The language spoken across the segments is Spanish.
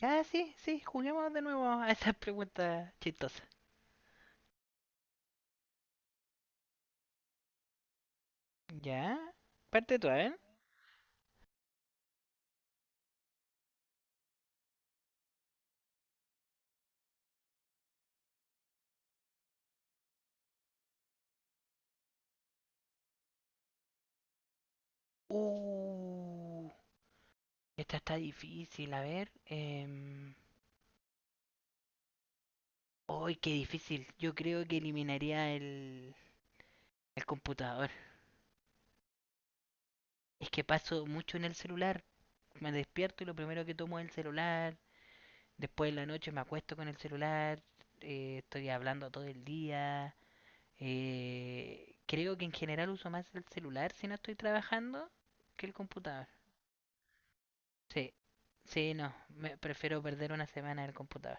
Ya, sí, sí, juguemos de nuevo a esas preguntas chistosas. Ya, parte tú, a ver. Uh, Esta está difícil, a ver. Uy, qué difícil. Yo creo que eliminaría el computador. Es que paso mucho en el celular. Me despierto y lo primero que tomo es el celular. Después en la noche me acuesto con el celular. Estoy hablando todo el día. Creo que en general uso más el celular si no estoy trabajando que el computador. Sí, sí, no, me prefiero perder una semana en el computador.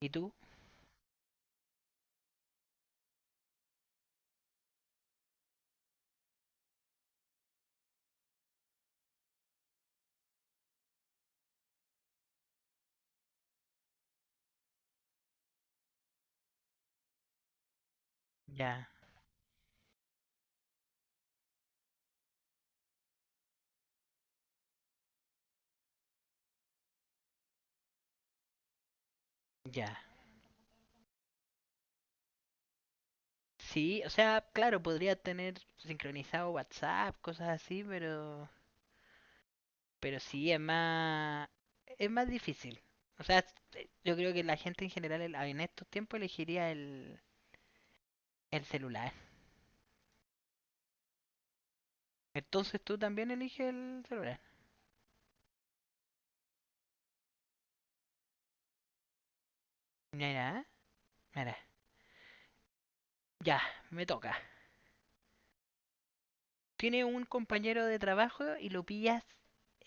¿Y tú? Ya, ya. Sí, o sea, claro, podría tener sincronizado WhatsApp, cosas así, pero sí es más, es más difícil. O sea, yo creo que la gente en general en estos tiempos elegiría el celular. Entonces tú también eliges el celular. Mira, mira. Ya, me toca. Tiene un compañero de trabajo y lo pillas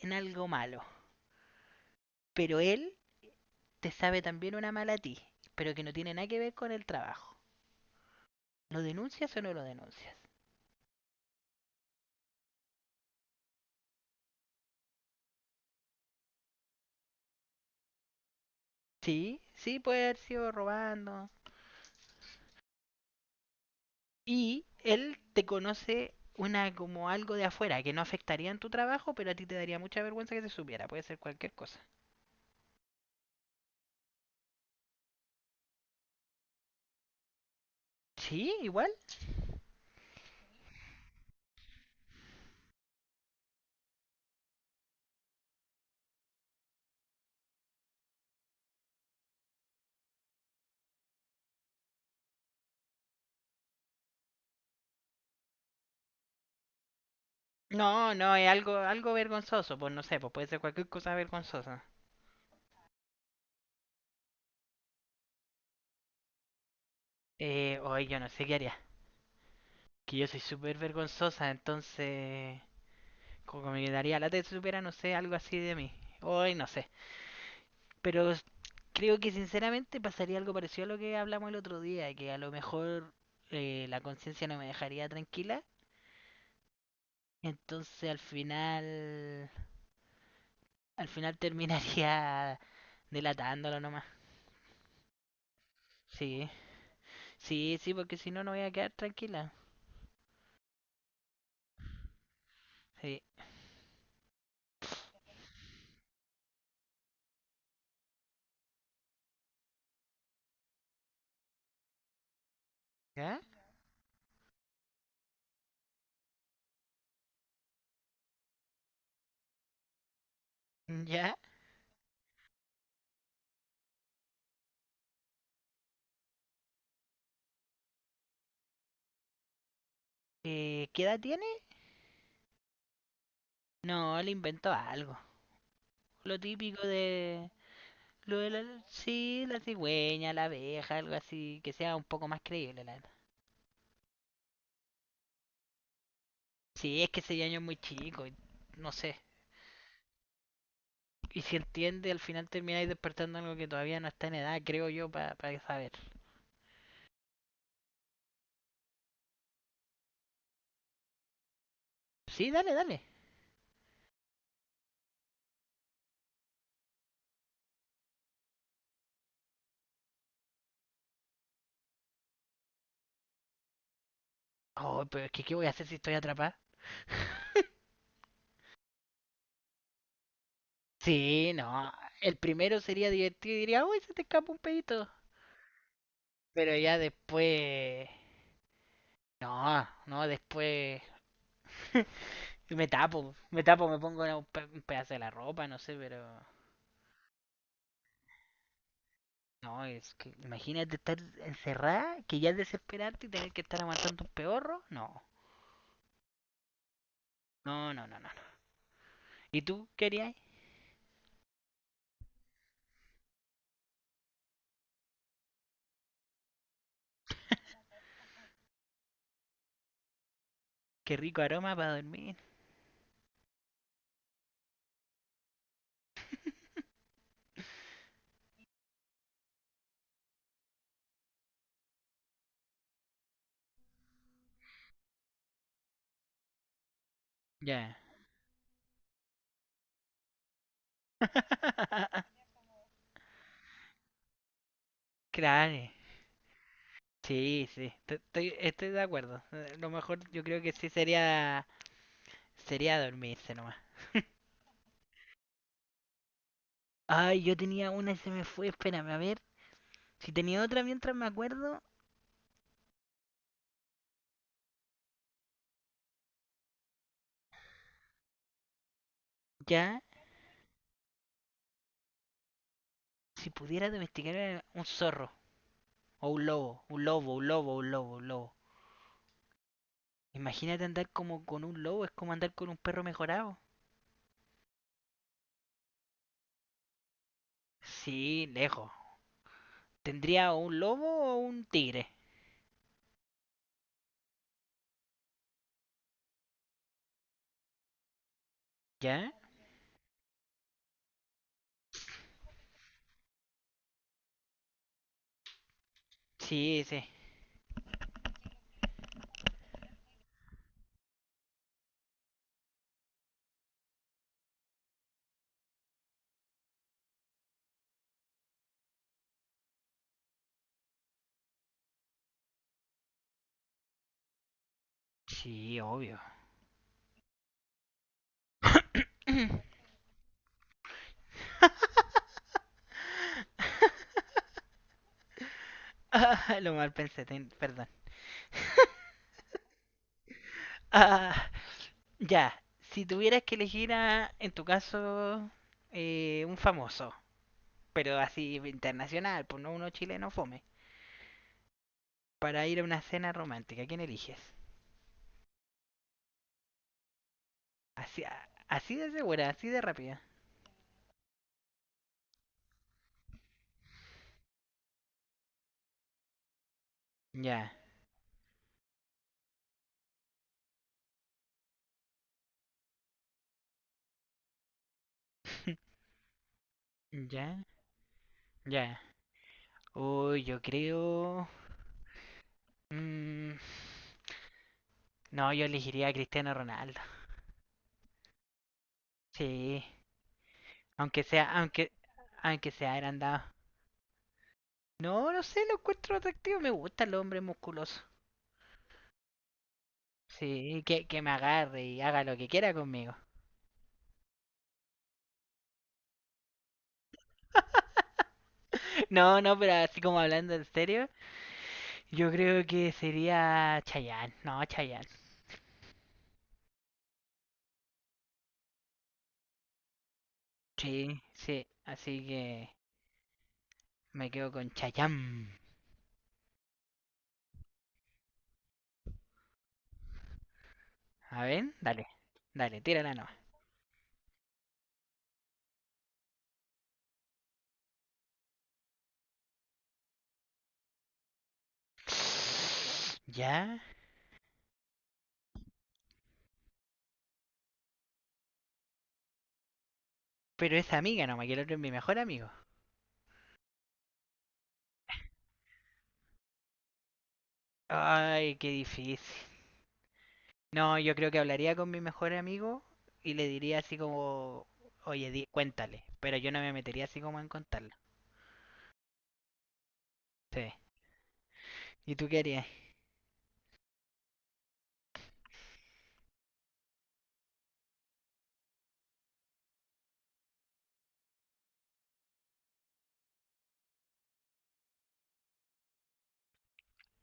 en algo malo, pero él te sabe también una mala a ti, pero que no tiene nada que ver con el trabajo. ¿Lo denuncias o no lo denuncias? Sí, sí puede haber sido robando. Y él te conoce una como algo de afuera que no afectaría en tu trabajo, pero a ti te daría mucha vergüenza que se supiera, puede ser cualquier cosa. Sí, igual. No, no, es algo vergonzoso, pues no sé, pues puede ser cualquier cosa vergonzosa. Hoy yo no sé qué haría. Que yo soy súper vergonzosa, entonces como que me daría la te supiera, no sé, algo así de mí. Hoy no sé. Pero s- Creo que sinceramente pasaría algo parecido a lo que hablamos el otro día, que a lo mejor la conciencia no me dejaría tranquila, entonces al final terminaría delatándolo nomás. Sí, sí, sí, porque si no, no voy a quedar tranquila. Sí. ¿Ya? ¿Ya? ¿Qué edad tiene? No, le inventó algo. Lo típico de... Lo de la... Sí, la cigüeña, la abeja, algo así, que sea un poco más creíble, la verdad. Sí, es que ese año es muy chico, y no sé. Y si entiende, al final termináis despertando algo que todavía no está en edad, creo yo, para pa saber. Sí, dale, dale. Oh, pero es que ¿qué voy a hacer si estoy atrapada? Sí, no. El primero sería divertido y diría, uy, se te escapa un pedito. Pero ya después... No, no, después... me tapo, me tapo, me pongo un pedazo de la ropa, no sé, pero... No, es que imagínate estar encerrada, que ya es desesperante y tener que estar aguantando un peorro. No. No, no, no, no, no. ¿Y tú querías? Qué rico aroma para dormir. Ya. Claro. Sí, sí. Estoy, estoy de acuerdo. Lo mejor yo creo que sí sería dormirse nomás. Ay, yo tenía una y se me fue. Espérame, a ver. Si tenía otra mientras me acuerdo, ya. Si pudiera domesticar a un zorro o un lobo, un lobo, un lobo, un lobo, un lobo. Imagínate andar como con un lobo, es como andar con un perro mejorado. Sí, lejos. Tendría un lobo o un tigre, ¿ya? Sí, sí. Sí, obvio. Ah, lo mal pensé, perdón. Ah, ya, si tuvieras que elegir a, en tu caso, un famoso, pero así internacional, pues no uno chileno fome, para ir a una cena romántica, ¿quién eliges? Así, así de segura, así de rápida. Ya, ya, ya. Uy, yo creo... mm, no, yo elegiría a Cristiano Ronaldo. Sí, aunque sea, aunque, aunque sea agrandado. No, no sé, lo encuentro atractivo. Me gusta el hombre musculoso. Sí, que me agarre y haga lo que quiera conmigo. No, no, pero así como hablando en serio, yo creo que sería Chayanne. No, Chayanne. Sí, sí, así que me quedo con Chayanne. A ver, dale, dale, tírala nomás. Ya, pero es amiga nomás, que el otro es mi mejor amigo. Ay, qué difícil. No, yo creo que hablaría con mi mejor amigo y le diría así como, oye, cuéntale, pero yo no me metería así como en contarla. Sí. ¿Y tú qué harías?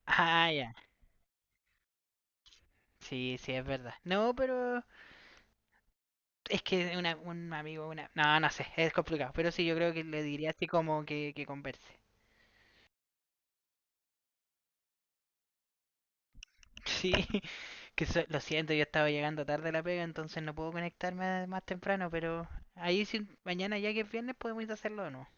Ah, ya. Sí, sí, es verdad. No, pero es que un amigo, una... No, no sé, es complicado, pero sí, yo creo que le diría así como que converse. Sí, que lo siento, yo estaba llegando tarde a la pega, entonces no puedo conectarme más temprano, pero ahí sí, mañana ya que es viernes podemos ir a hacerlo o no.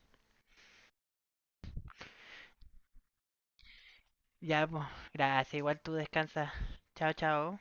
Ya, pues, gracias, igual tú descansa. Chao, chao.